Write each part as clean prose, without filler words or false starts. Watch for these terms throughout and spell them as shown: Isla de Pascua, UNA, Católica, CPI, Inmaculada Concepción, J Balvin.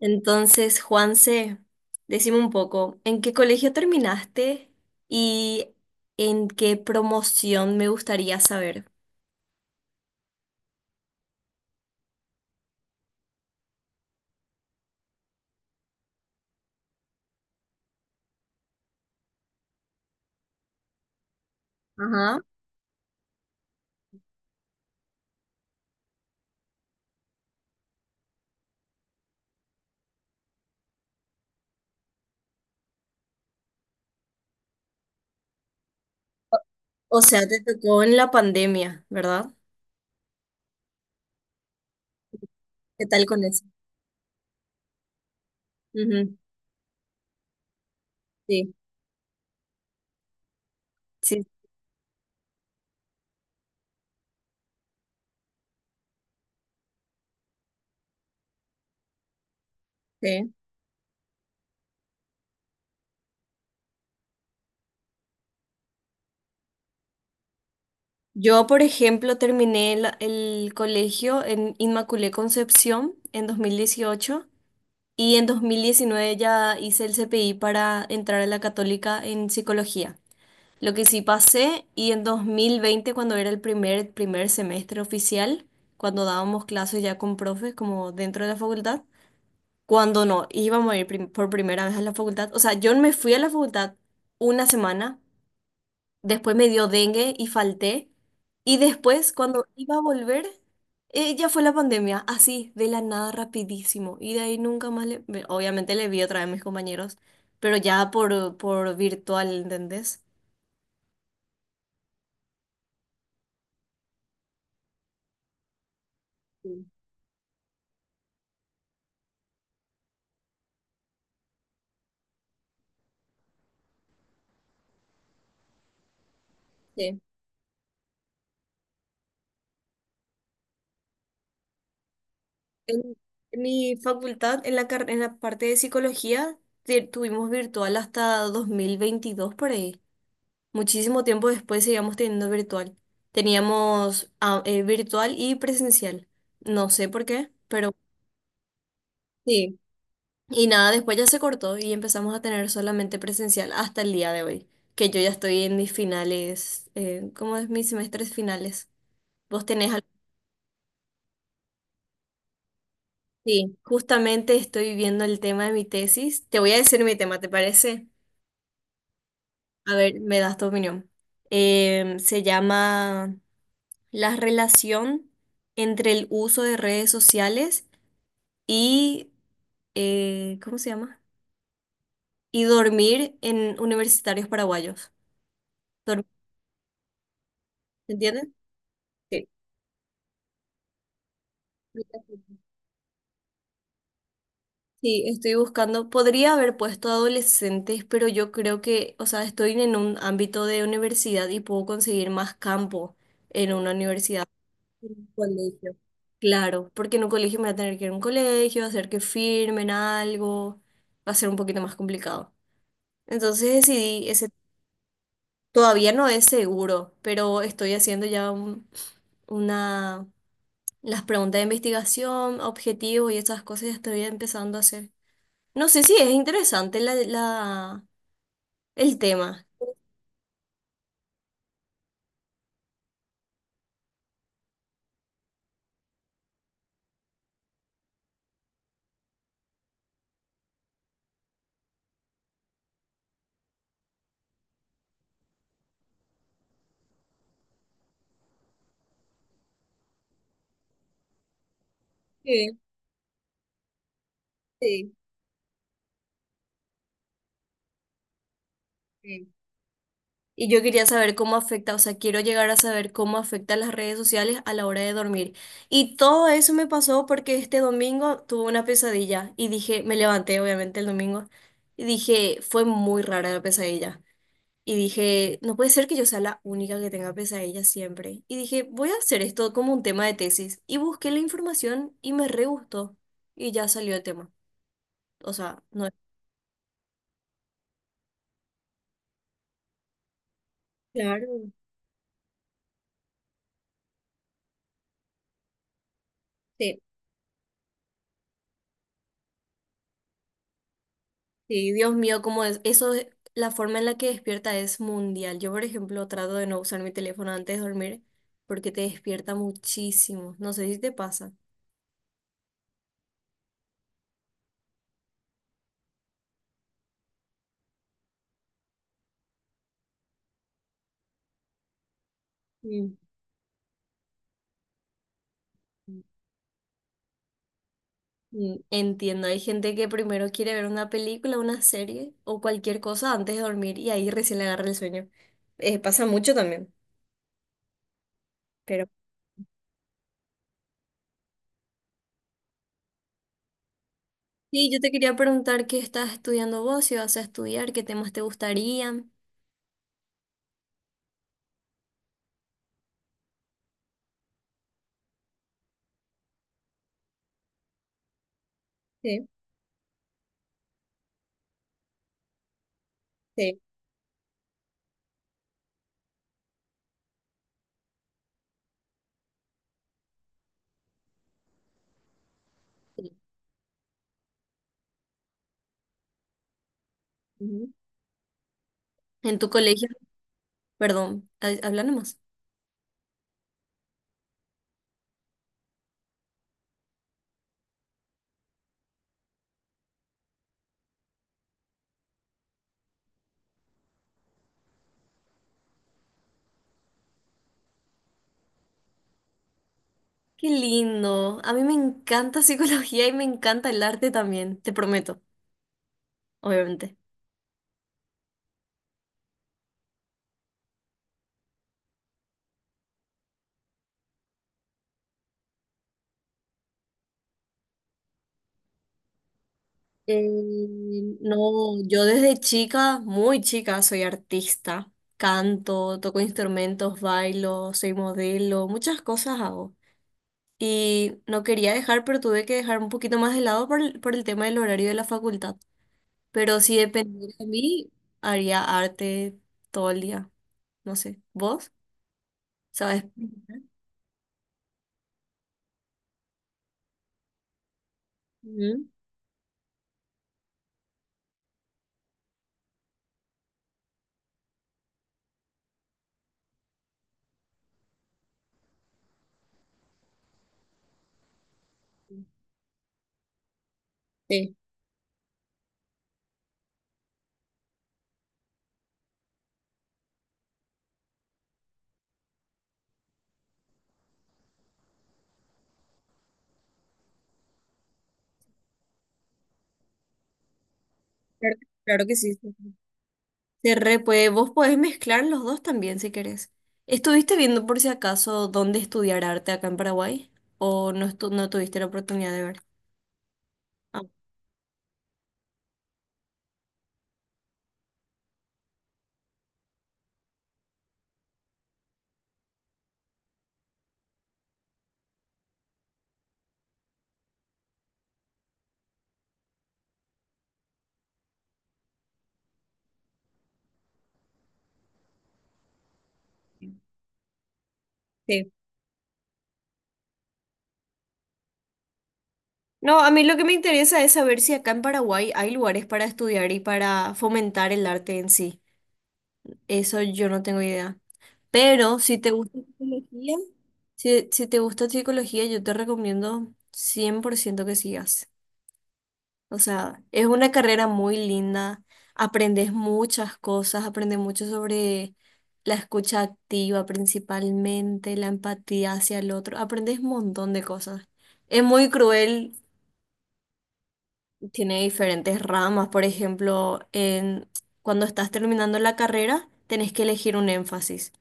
Entonces, Juanse, decime un poco, ¿en qué colegio terminaste y en qué promoción me gustaría saber? Ajá. O o sea, te tocó en la pandemia, ¿verdad? ¿Qué tal con eso? Ujú, Sí, sí, sí. Yo, por ejemplo, terminé el colegio en Inmaculé Concepción en 2018 y en 2019 ya hice el CPI para entrar a la Católica en psicología. Lo que sí pasé, y en 2020 cuando era el primer semestre oficial, cuando dábamos clases ya con profes, como dentro de la facultad, cuando no, íbamos a ir por primera vez a la facultad. O sea, yo me fui a la facultad una semana, después me dio dengue y falté, y después, cuando iba a volver, ya fue la pandemia, así, de la nada, rapidísimo. Y de ahí nunca más obviamente le vi otra vez a mis compañeros, pero ya por virtual, ¿entendés? Sí. En en mi facultad, en la, en la parte de psicología, tuvimos virtual hasta 2022 por ahí. Muchísimo tiempo después seguíamos teniendo virtual. Teníamos virtual y presencial. No sé por qué, pero sí. Y nada, después ya se cortó y empezamos a tener solamente presencial hasta el día de hoy, que yo ya estoy en mis finales, ¿cómo es? Mis semestres finales. ¿Vos tenés algo? Sí, justamente estoy viendo el tema de mi tesis. Te voy a decir mi tema, ¿te parece? A ver, me das tu opinión. Se llama la relación entre el uso de redes sociales y, ¿cómo se llama? Y dormir en universitarios paraguayos. Dor- ¿Se entiende? Sí. Sí, estoy buscando. Podría haber puesto adolescentes, pero yo creo que, o sea, estoy en un ámbito de universidad y puedo conseguir más campo en una universidad. En un colegio. Claro, porque en un colegio me voy a tener que ir a un colegio, hacer que firmen algo, va a ser un poquito más complicado. Entonces decidí, ese todavía no es seguro, pero estoy haciendo ya una, las preguntas de investigación, objetivos y esas cosas ya estoy empezando a hacer. No sé si es interesante el tema. Sí, sí, sí. Y yo quería saber cómo afecta, o sea, quiero llegar a saber cómo afecta las redes sociales a la hora de dormir. Y todo eso me pasó porque este domingo tuve una pesadilla y dije, me levanté obviamente el domingo y dije, fue muy rara la pesadilla. Y dije, no puede ser que yo sea la única que tenga pesadillas siempre. Y dije, voy a hacer esto como un tema de tesis. Y busqué la información y me re gustó. Y ya salió el tema. O sea, no es. Claro, sí. Sí, Dios mío, como es, eso, es- la forma en la que despierta es mundial. Yo, por ejemplo, trato de no usar mi teléfono antes de dormir porque te despierta muchísimo. No sé si te pasa. Mm. Mm, entiendo, hay gente que primero quiere ver una película, una serie o cualquier cosa antes de dormir y ahí recién le agarra el sueño. Pasa mucho también, pero... Sí, yo te quería preguntar qué estás estudiando vos, si vas a estudiar, qué temas te gustarían. Sí, sí. Sí. Ujú. En tu colegio, perdón, habla nomás. Qué lindo. A mí me encanta psicología y me encanta el arte también, te prometo, obviamente. Eh, no, yo desde chica, muy chica, soy artista. Canto, toco instrumentos, bailo, soy modelo, muchas cosas hago. Y no quería dejar, pero tuve que dejar un poquito más de lado por el tema del horario de la facultad. Pero si dependiera de mí, haría arte todo el día. No sé, ¿vos? ¿Sabes? Ujú, sí, claro claro que sí. Sí. Se re puede. Vos podés mezclar los dos también si querés. ¿Estuviste viendo por si acaso dónde estudiar arte acá en Paraguay? ¿O no, no tuviste la oportunidad de ver? Ah, sí. No, a mí lo que me interesa es saber si acá en Paraguay hay lugares para estudiar y para fomentar el arte en sí. Eso yo no tengo idea. Pero si te gusta psicología, si te gusta psicología, yo te recomiendo 100% que sigas. O sea, es una carrera muy linda, aprendes muchas cosas, aprendes mucho sobre la escucha activa principalmente, la empatía hacia el otro, aprendes un montón de cosas. Es muy cruel, tiene diferentes ramas, por ejemplo, cuando estás terminando la carrera, tenés que elegir un énfasis.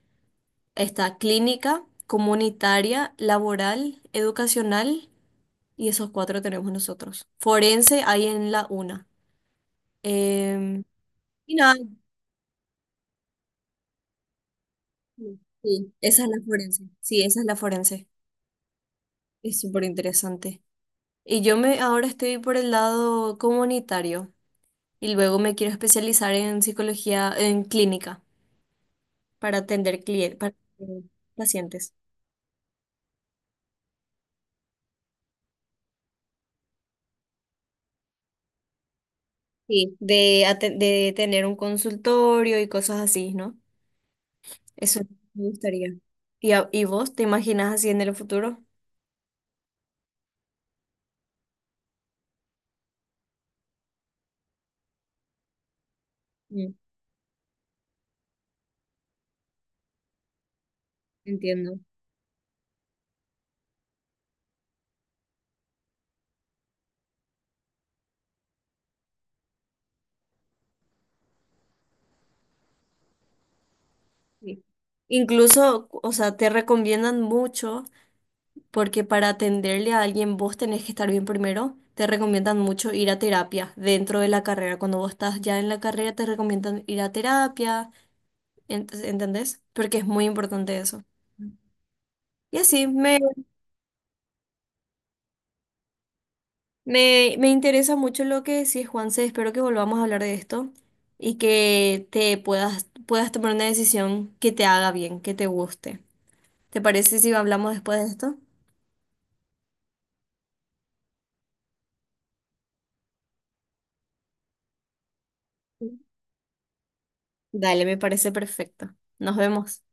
Está clínica, comunitaria, laboral, educacional, y esos cuatro tenemos nosotros. Forense hay en la UNA. Em, Y nada, sí, esa es la forense. Sí, esa es la forense. Es súper interesante. Y yo me ahora estoy por el lado comunitario y luego me quiero especializar en psicología, en clínica, para atender clientes, para pacientes. Sí, de, de tener un consultorio y cosas así, ¿no? Eso me gustaría. ¿Y, y vos te imaginas así en el futuro? Mm, entiendo. Sí. Incluso, o sea, te recomiendan mucho. Porque para atenderle a alguien vos tenés que estar bien primero. Te recomiendan mucho ir a terapia dentro de la carrera. Cuando vos estás ya en la carrera, te recomiendan ir a terapia, ¿entendés? Porque es muy importante eso. Y así, me interesa mucho lo que decís, Juanse. Espero que volvamos a hablar de esto y que te puedas tomar una decisión que te haga bien, que te guste. ¿Te parece si hablamos después de esto? Sí. Dale, me parece perfecto. Nos vemos.